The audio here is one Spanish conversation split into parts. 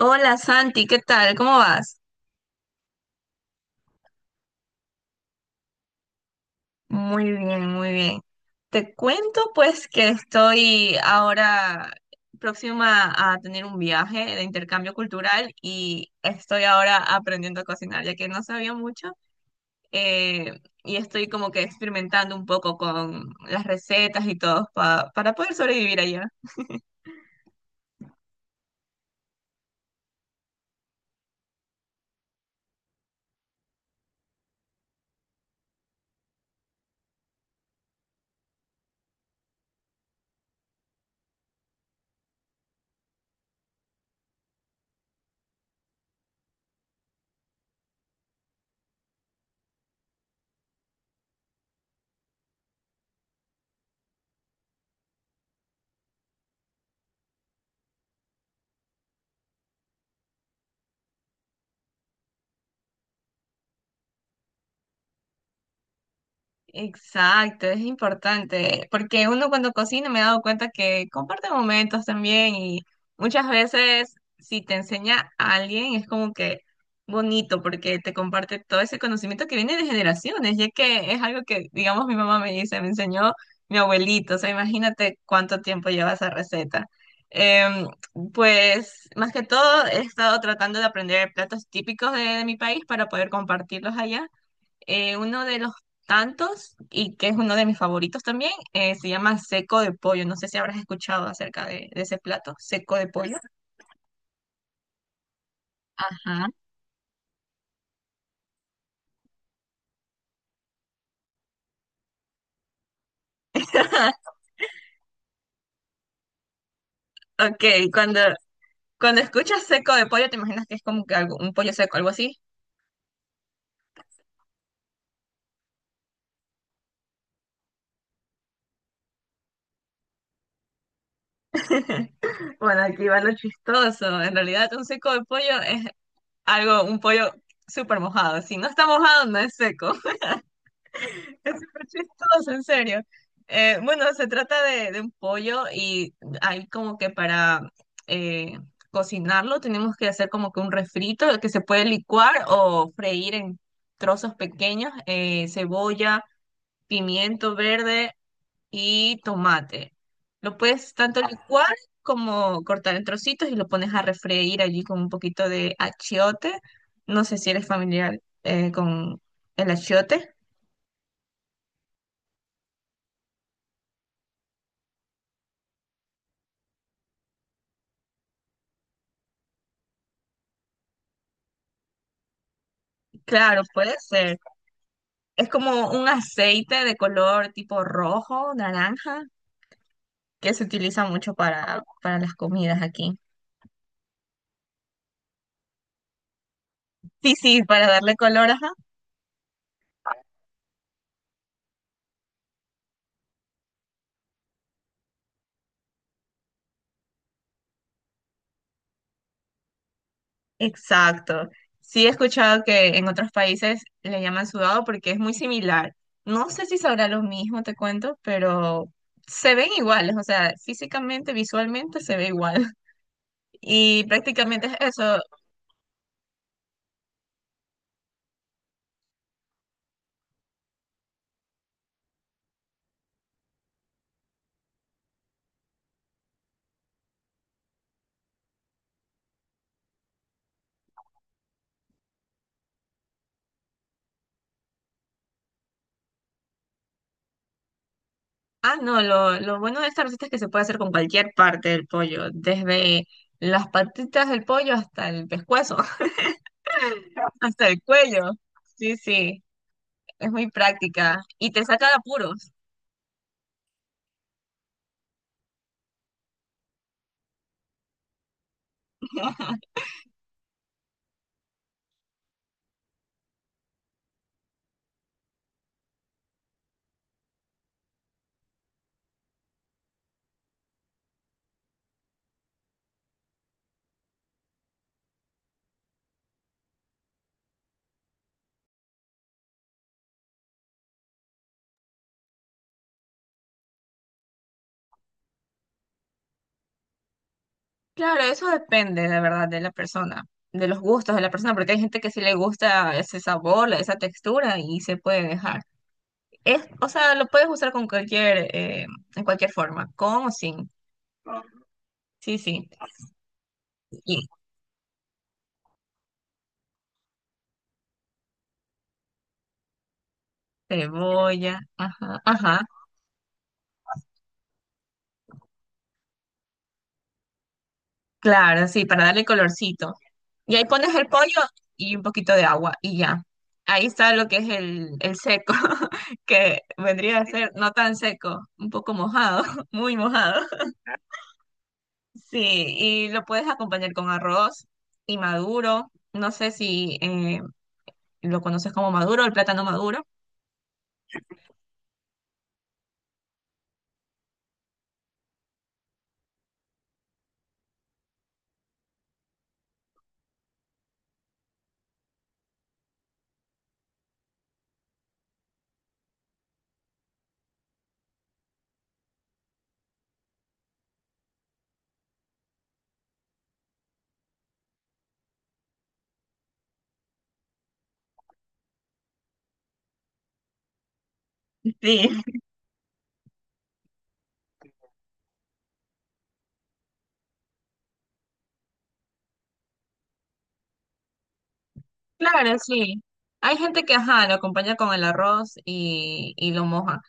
Hola Santi, ¿qué tal? ¿Cómo vas? Muy bien, muy bien. Te cuento pues que estoy ahora próxima a tener un viaje de intercambio cultural y estoy ahora aprendiendo a cocinar, ya que no sabía mucho. Y estoy como que experimentando un poco con las recetas y todo para poder sobrevivir allá. Exacto, es importante, porque uno cuando cocina me he dado cuenta que comparte momentos también, y muchas veces si te enseña a alguien es como que bonito porque te comparte todo ese conocimiento que viene de generaciones, ya que es algo que, digamos, mi mamá me dice, me enseñó mi abuelito, o sea, imagínate cuánto tiempo lleva esa receta. Em, pues más que todo he estado tratando de aprender platos típicos de mi país para poder compartirlos allá. Uno de los tantos, y que es uno de mis favoritos también, se llama seco de pollo. No sé si habrás escuchado acerca de ese plato, seco de pollo. Ajá. Ok, cuando, cuando escuchas seco de pollo, te imaginas que es como que algo, un pollo seco, algo así. Bueno, aquí va lo chistoso. En realidad, un seco de pollo es algo, un pollo súper mojado. Si no está mojado, no es seco. Es súper chistoso, en serio. Bueno, se trata de un pollo, y hay como que para eh, cocinarlo tenemos que hacer como que un refrito que se puede licuar o freír en trozos pequeños, cebolla, pimiento verde y tomate. Lo puedes tanto licuar como cortar en trocitos, y lo pones a refreír allí con un poquito de achiote. No sé si eres familiar con el achiote. Claro, puede ser. Es como un aceite de color tipo rojo, naranja, que se utiliza mucho para las comidas aquí. Sí, sí, para darle color, ajá. Exacto. Sí, he escuchado que en otros países le llaman sudado porque es muy similar. No sé si sabrá lo mismo, te cuento, pero se ven iguales, o sea, físicamente, visualmente se ve igual. Y prácticamente es eso. Ah, no, lo bueno de esta receta es que se puede hacer con cualquier parte del pollo, desde las patitas del pollo hasta el pescuezo, hasta el cuello. Sí, sí, es muy práctica y te saca de apuros. Claro, eso depende, de verdad, de la persona, de los gustos de la persona, porque hay gente que sí le gusta ese sabor, esa textura y se puede dejar. Es, o sea, lo puedes usar con cualquier, en cualquier forma, con o sin. Sí, sí. Y cebolla, ajá, ajá. Claro, sí, para darle colorcito. Y ahí pones el pollo y un poquito de agua y ya. Ahí está lo que es el seco, que vendría a ser no tan seco, un poco mojado, muy mojado. Sí, y lo puedes acompañar con arroz y maduro. No sé si lo conoces como maduro, el plátano maduro. Sí, claro, sí. Hay gente que, ajá, lo acompaña con el arroz y lo moja,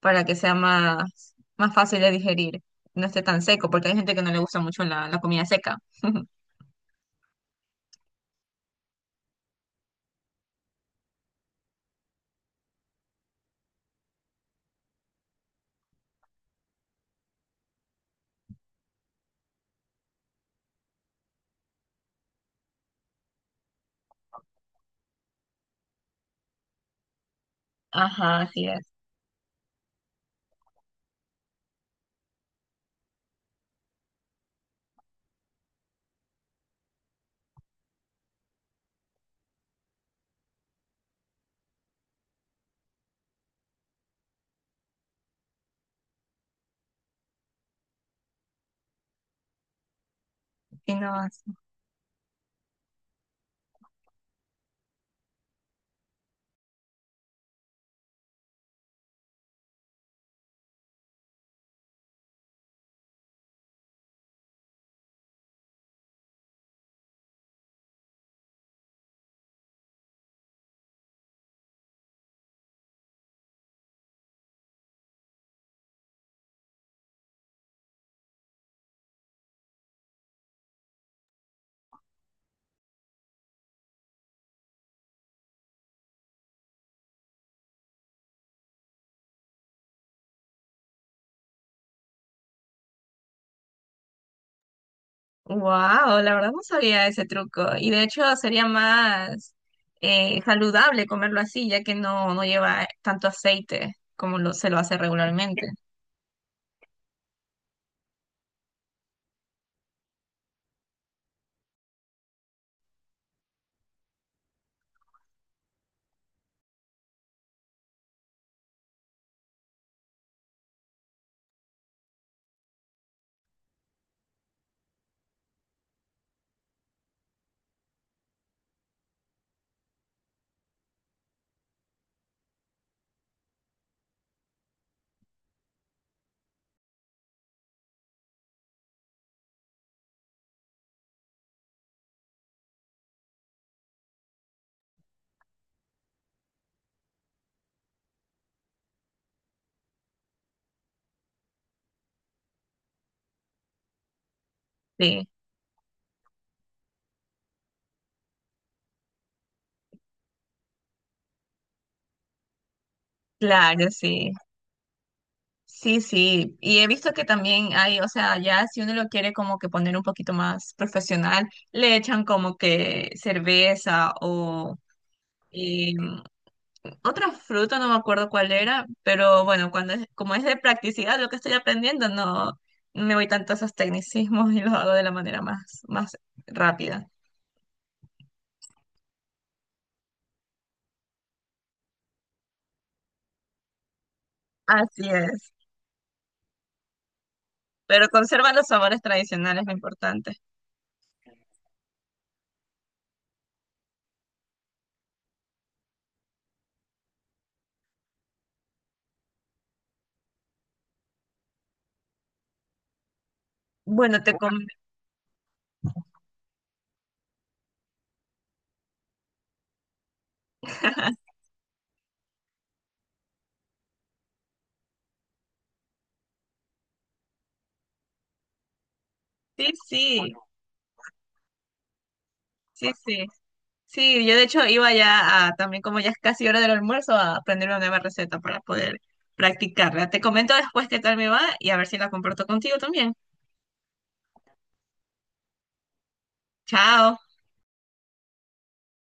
para que sea más, más fácil de digerir, no esté tan seco, porque hay gente que no le gusta mucho la, la comida seca. Ajá, así es. Y no, wow, la verdad no sabía ese truco. Y de hecho sería más saludable comerlo así, ya que no, no lleva tanto aceite como lo, se lo hace regularmente. Sí, claro, sí. Sí, sí. Y he visto que también hay, o sea, ya si uno lo quiere como que poner un poquito más profesional, le echan como que cerveza o... Y otra fruta, no me acuerdo cuál era, pero bueno, cuando es, como es de practicidad lo que estoy aprendiendo, no, no me voy tanto a esos tecnicismos y los hago de la manera más, más rápida. Así es. Pero conservan los sabores tradicionales, lo importante. Bueno, te com- Sí, sí, sí, sí. Sí, yo de hecho iba ya a, también como ya es casi hora del almuerzo, a aprender una nueva receta para poder practicarla. Te comento después qué tal me va y a ver si la comparto contigo también. Chao.